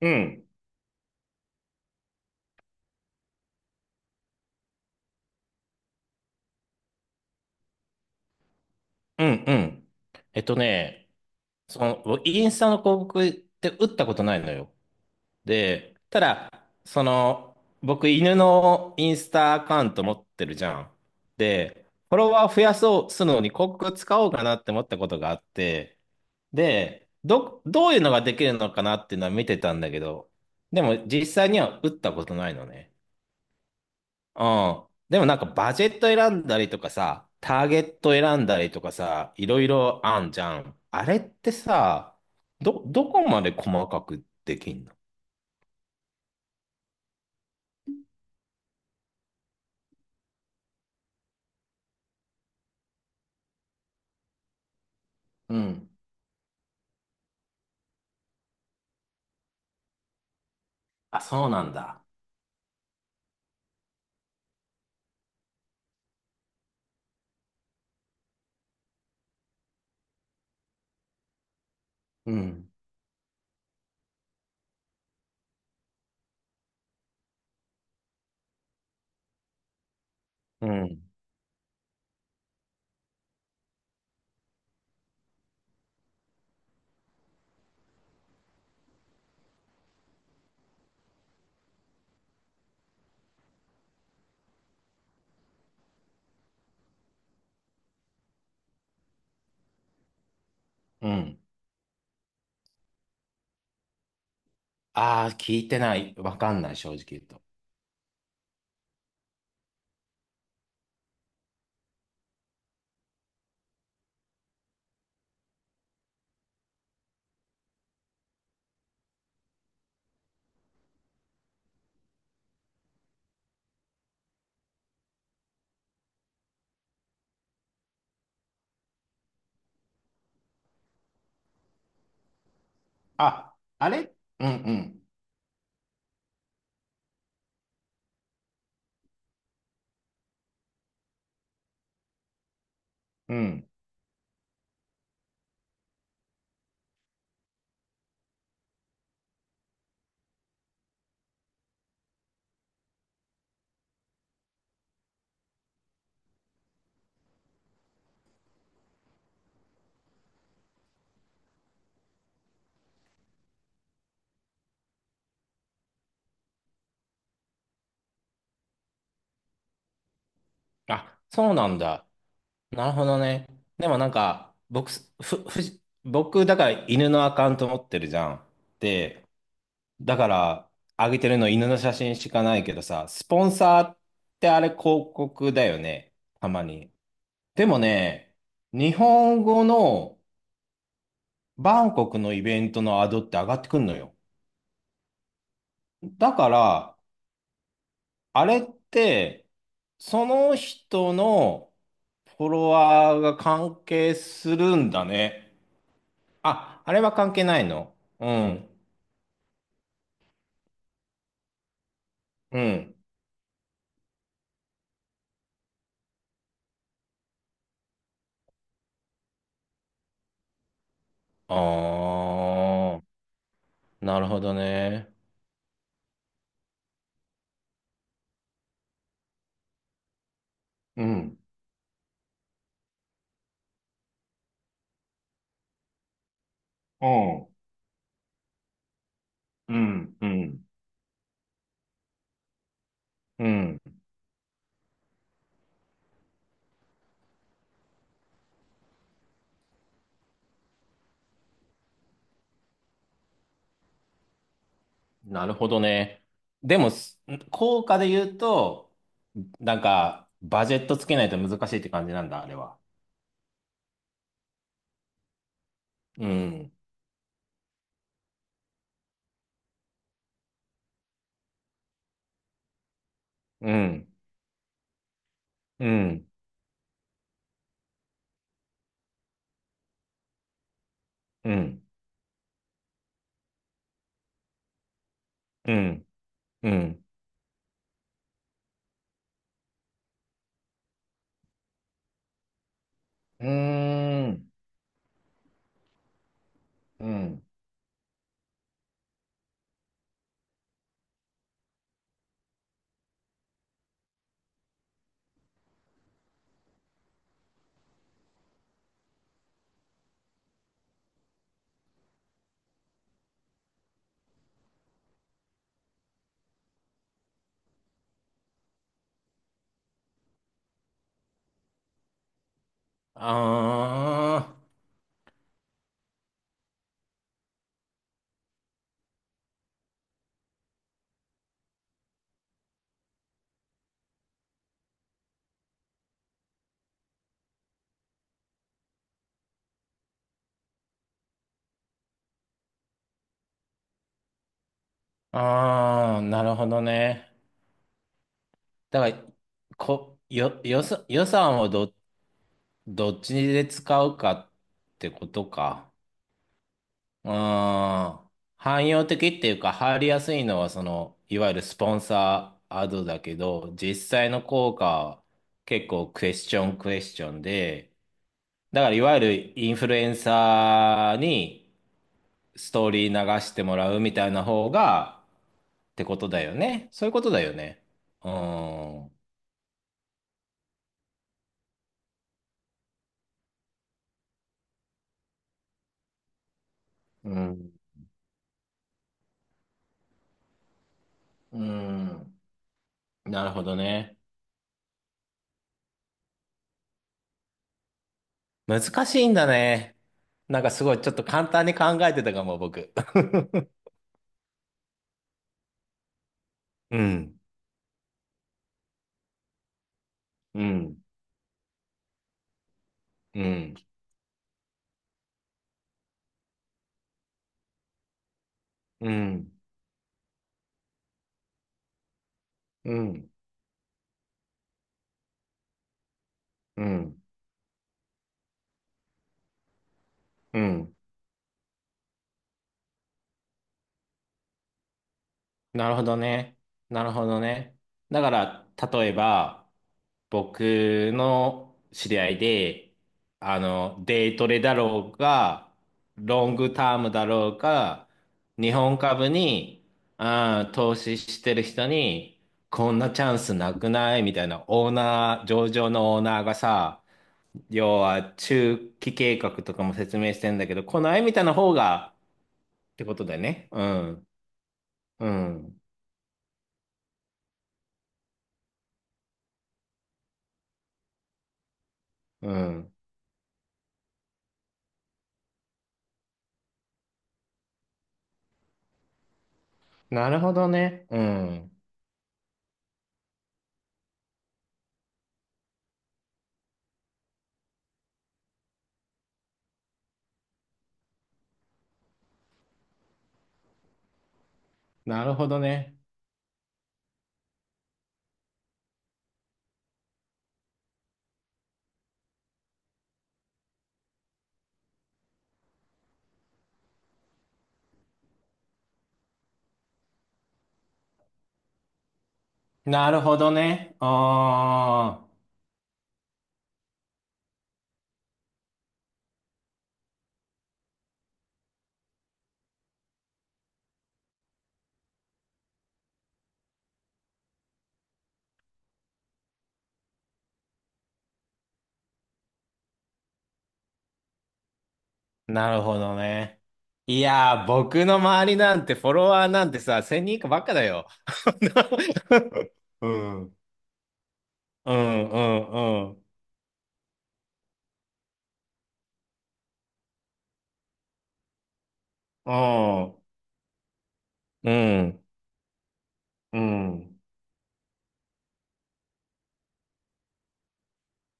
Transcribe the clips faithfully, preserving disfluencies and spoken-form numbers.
うん、うん、うん。えっとね、その、インスタの広告って打ったことないのよ。で、ただ、その、僕、犬のインスタアカウント持ってるじゃん。で、フォロワー増やそうするのに広告使おうかなって思ったことがあって、で、ど、どういうのができるのかなっていうのは見てたんだけど、でも実際には打ったことないのね。うん。でもなんかバジェット選んだりとかさ、ターゲット選んだりとかさ、いろいろあんじゃん。あれってさ、ど、どこまで細かくできんの？うん、あ、そうなんだ。うん。うん。うん。ああ、聞いてない。わかんない、正直言うと。あ、あれ、うんうん。うん、あ、そうなんだ。なるほどね。でもなんか、僕、ふ、ふじ、僕、だから犬のアカウント持ってるじゃん。で、だから、あげてるの犬の写真しかないけどさ、スポンサーってあれ広告だよね。たまに。でもね、日本語のバンコクのイベントのアドって上がってくんのよ。だから、あれって、その人のフォロワーが関係するんだね。あ、あれは関係ないの？うん。うん。あー、なるほどね。うん。うん。うん。うん。うん。なるほどね。でも、す効果で言うと、なんか、バジェットつけないと難しいって感じなんだ、あれは。うん。うん。うん。うん。うん。うん。うーん。うん。あー。あー、なるほどね。だから、こ、よ、予算予算をど、どっちで使うかってことか。うーん。汎用的っていうか、入りやすいのは、その、いわゆるスポンサーアドだけど、実際の効果は結構クエスチョンクエスチョンで、だからいわゆるインフルエンサーにストーリー流してもらうみたいな方が、ってことだよね。そういうことだよね。うーん。うん。うーん。なるほどね。難しいんだね。なんかすごい、ちょっと簡単に考えてたかも、僕。うんうん、うん、うん、うん、うん、うん。なるほどね。なるほどね。だから、例えば、僕の知り合いで、あの、デイトレだろうが、ロングタームだろうが、日本株に、あー投資してる人に、こんなチャンスなくないみたいな、オーナー、上場のオーナーがさ、要は中期計画とかも説明してんだけど、この絵みたいな方がってことだよね。うん。うん。うん。なるほどね。うん。なるほどね。なるほどね。ああ、なるほどね。いやー、僕の周りなんてフォロワーなんてさ、せんにん以下ばっかだよ。うん。うん、うん、うん。うん。うん。うん、うん、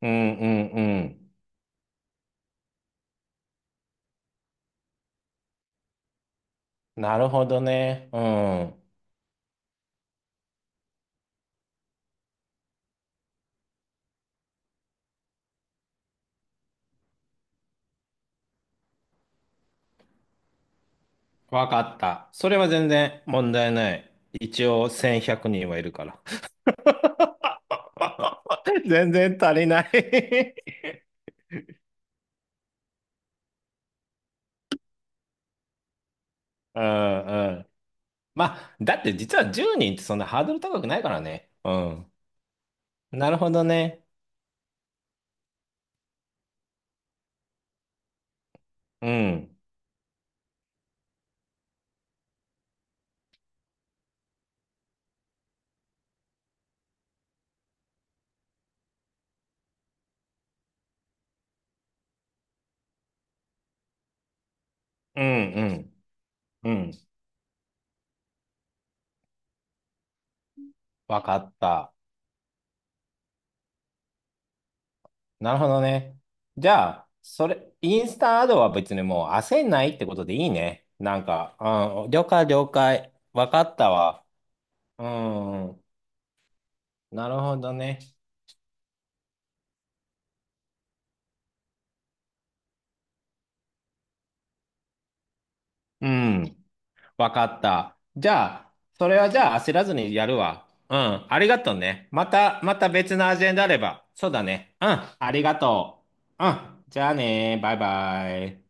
うん。うん、なるほどね。うん。わかった。それは全然問題ない。一応せんひゃくにんはいるから。全然足りない。 うんうん。まあ、だって実はじゅうにんってそんなハードル高くないからね。うん。なるほどね。うん。うんうん。うん。わかった。なるほどね。じゃあ、それ、インスタアドは別にもう焦んないってことでいいね。なんか、うん。了解了解。わかったわ。うんうん。なるほどね。うん。わかった。じゃあ、それはじゃあ焦らずにやるわ。うん、ありがとうね。また、また別のアジェンダあれば。そうだね。うん、ありがとう。うん、じゃあね、バイバイ。